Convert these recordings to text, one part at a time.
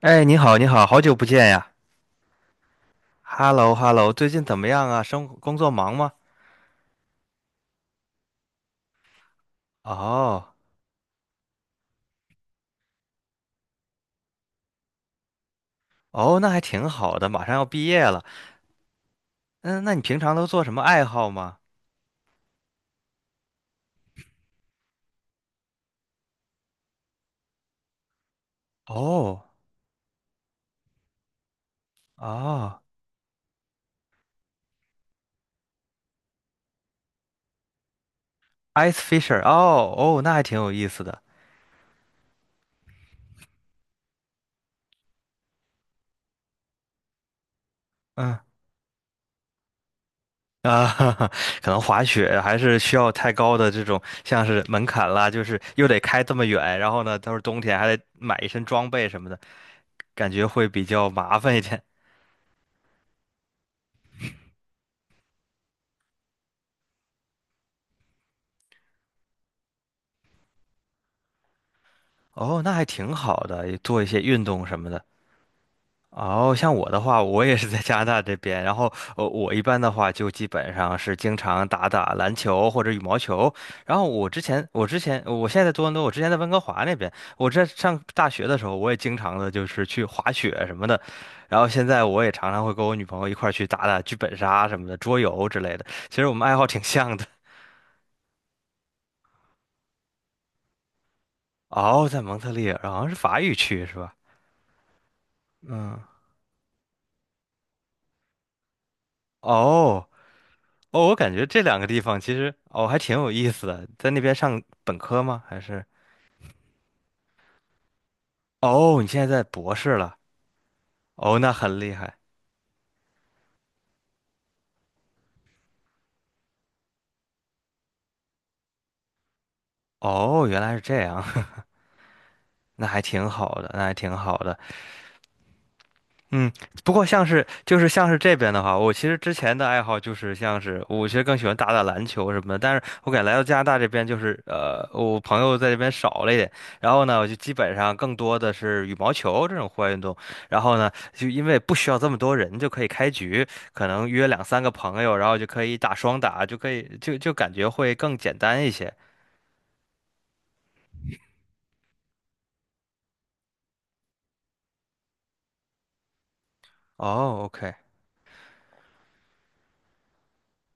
哎，你好，你好，好久不见呀！Hello，Hello，最近怎么样啊？生活工作忙吗？哦，哦，那还挺好的，马上要毕业了。嗯，那你平常都做什么爱好吗？哦，哦，ice fisher，哦，哦，那还挺有意思的。嗯啊，哈哈，可能滑雪还是需要太高的这种像是门槛啦，就是又得开这么远，然后呢，都是冬天还得买一身装备什么的，感觉会比较麻烦一点。哦，那还挺好的，也做一些运动什么的。哦，像我的话，我也是在加拿大这边，然后我一般的话就基本上是经常打打篮球或者羽毛球。然后我之前，我之前，我现在在多伦多，我之前在温哥华那边，我在上大学的时候，我也经常的就是去滑雪什么的。然后现在我也常常会跟我女朋友一块儿去打打剧本杀什么的，桌游之类的。其实我们爱好挺像的。哦，在蒙特利尔，好像是法语区是吧？嗯，哦。哦，我感觉这两个地方其实哦还挺有意思的，在那边上本科吗？还是哦，你现在在博士了？哦，那很厉害。哦，原来是这样，那还挺好的，那还挺好的。嗯，不过像是这边的话，我其实之前的爱好就是像是我其实更喜欢打打篮球什么的，但是我感觉来到加拿大这边就是我朋友在这边少了一点，然后呢，我就基本上更多的是羽毛球这种户外运动，然后呢，就因为不需要这么多人就可以开局，可能约两三个朋友，然后就可以打双打，就可以就感觉会更简单一些。哦，OK。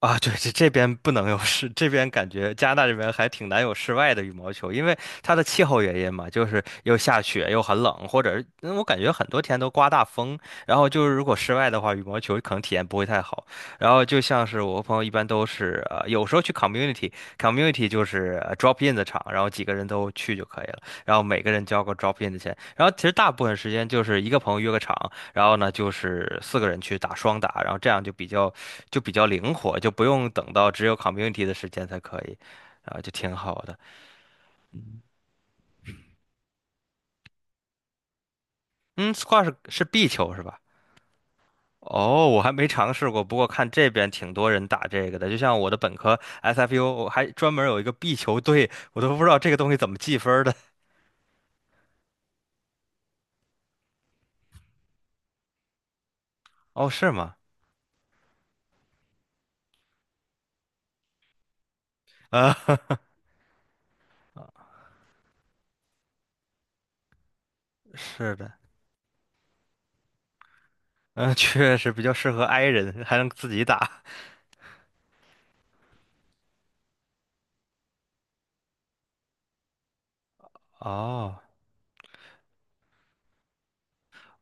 啊，对，这这边不能有室，这边感觉加拿大这边还挺难有室外的羽毛球，因为它的气候原因嘛，就是又下雪又很冷，或者嗯我感觉很多天都刮大风，然后就是如果室外的话，羽毛球可能体验不会太好。然后就像是我和朋友一般都是，有时候去 community 就是drop in 的场，然后几个人都去就可以了，然后每个人交个 drop in 的钱，然后其实大部分时间就是一个朋友约个场，然后呢就是四个人去打双打，然后这样就比较。就比较灵活，就不用等到只有 community 的时间才可以，啊，就挺好的。嗯，squash 是壁球是吧？哦，我还没尝试过，不过看这边挺多人打这个的，就像我的本科 SFU，我还专门有一个壁球队，我都不知道这个东西怎么计分儿的。哦，是吗？啊，是的，嗯，确实比较适合 i 人，还能自己打。哦。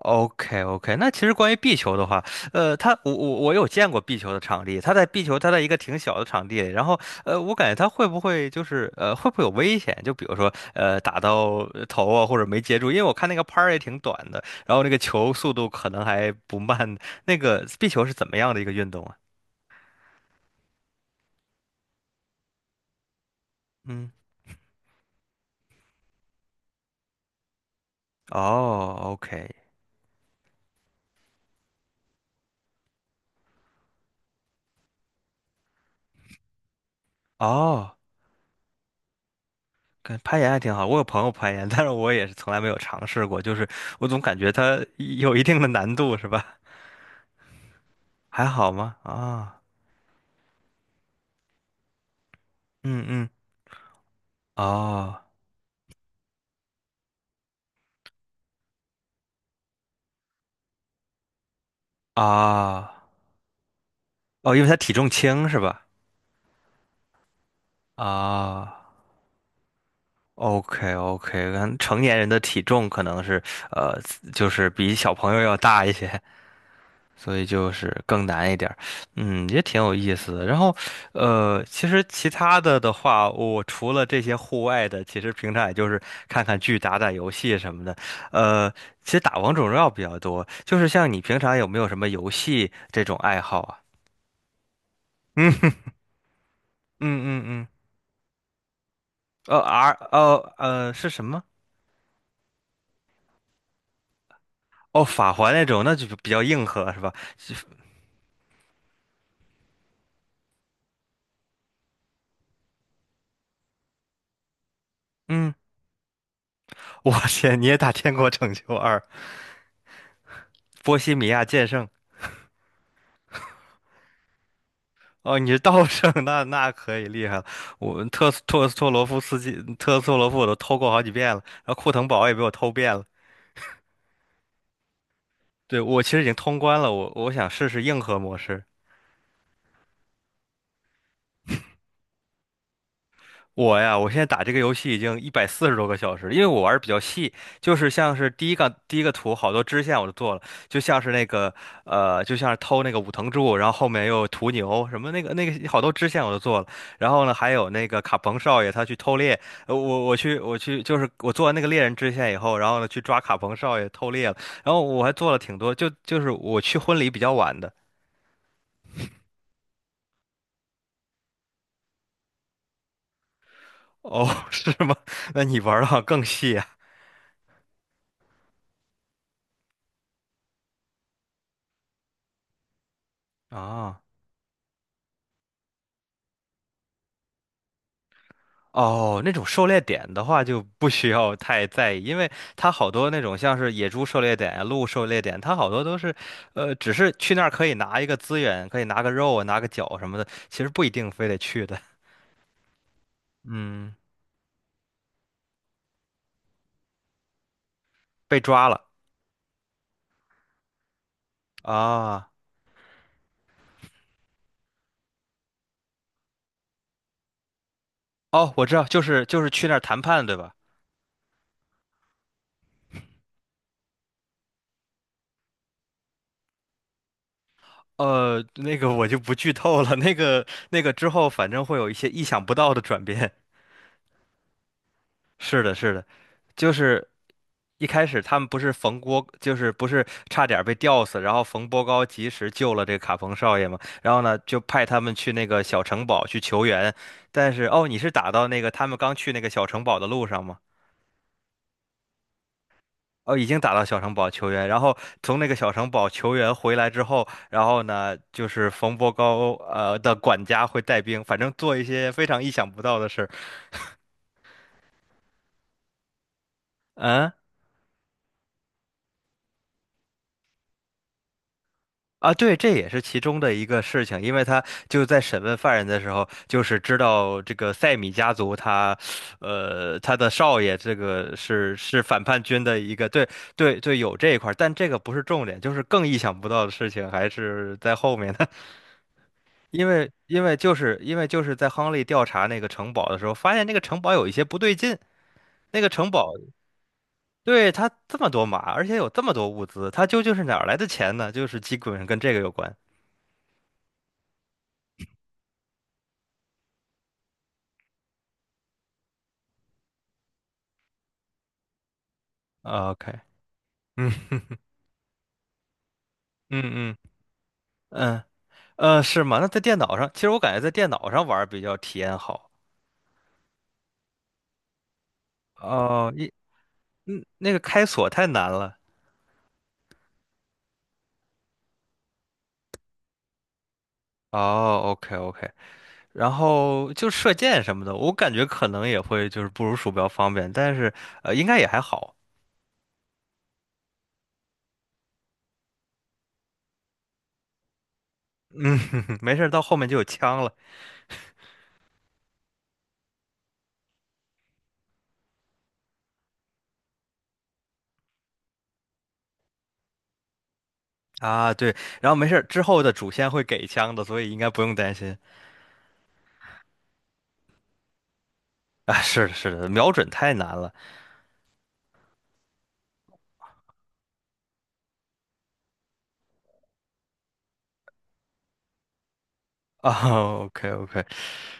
OK OK，那其实关于壁球的话，它我有见过壁球的场地，它在壁球它在一个挺小的场地，然后我感觉它会不会就是会不会有危险？就比如说打到头啊或者没接住，因为我看那个拍儿也挺短的，然后那个球速度可能还不慢。那个壁球是怎么样的一个运动啊？嗯，哦，OK，哦。跟攀岩还挺好，我有朋友攀岩，但是我也是从来没有尝试过，就是我总感觉它有一定的难度，是吧？还好吗？啊，嗯嗯，哦啊哦，因为他体重轻是吧？啊，OK OK，可能成年人的体重可能是呃，就是比小朋友要大一些，所以就是更难一点儿。嗯，也挺有意思的。然后其实其他的的话，我除了这些户外的，其实平常也就是看看剧、打打游戏什么的。呃，其实打王者荣耀比较多。就是像你平常有没有什么游戏这种爱好啊？嗯嗯嗯嗯，哦 R 哦是什么？哦，法环那种，那就比较硬核是吧？嗯，我天，你也打《天国拯救二》《波西米亚剑圣》哦，你是道圣，那那可以厉害了。我特斯托斯托罗夫斯基、特斯托罗夫我都偷过好几遍了，然后库腾堡也被我偷遍了。对，我其实已经通关了，我想试试硬核模式。我呀，我现在打这个游戏已经140多个小时了因为我玩的比较细，就是像是第一个图好多支线我都做了，就像是那个就像是偷那个武藤柱，然后后面又有屠牛什么那个好多支线我都做了，然后呢还有那个卡彭少爷他去偷猎，我去就是我做完那个猎人支线以后，然后呢去抓卡彭少爷偷猎了，然后我还做了挺多，就是我去婚礼比较晚的，哦，是吗？那你玩的更细啊。啊哦，那种狩猎点的话就不需要太在意，因为它好多那种像是野猪狩猎点呀、鹿狩猎点，它好多都是，只是去那儿可以拿一个资源，可以拿个肉啊、拿个角什么的，其实不一定非得去的。嗯，被抓了啊！哦，我知道，就是就是去那儿谈判，对吧？那个我就不剧透了，那个之后反正会有一些意想不到的转变。是的，是的，就是一开始他们不是冯波，就是不是差点被吊死，然后冯波高及时救了这个卡冯少爷嘛，然后呢就派他们去那个小城堡去求援，但是哦，你是打到那个他们刚去那个小城堡的路上吗？哦，已经打到小城堡求援，然后从那个小城堡求援回来之后，然后呢，就是冯波高的管家会带兵，反正做一些非常意想不到的事儿。嗯，啊，对，这也是其中的一个事情，因为他就在审问犯人的时候，就是知道这个塞米家族他，他的少爷这个是反叛军的一个，对对对，有这一块儿，但这个不是重点，就是更意想不到的事情还是在后面的，因为就是在亨利调查那个城堡的时候，发现那个城堡有一些不对劲，那个城堡对他这么多马，而且有这么多物资，他究竟是哪儿来的钱呢？就是基本上跟这个有关。啊 OK。嗯。嗯嗯嗯，是吗？那在电脑上，其实我感觉在电脑上玩儿比较体验好。哦，一嗯，那个开锁太难了。哦，OK OK，然后就射箭什么的，我感觉可能也会就是不如鼠标方便，但是应该也还好。没事儿，到后面就有枪了啊。对，然后没事儿，之后的主线会给枪的，所以应该不用担心啊。是的，是的，瞄准太难了啊。OK OK。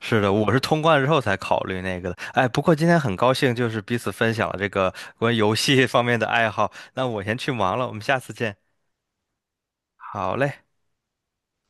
是的，我是通关之后才考虑那个的。哎，不过今天很高兴，就是彼此分享了这个关于游戏方面的爱好。那我先去忙了，我们下次见。好嘞。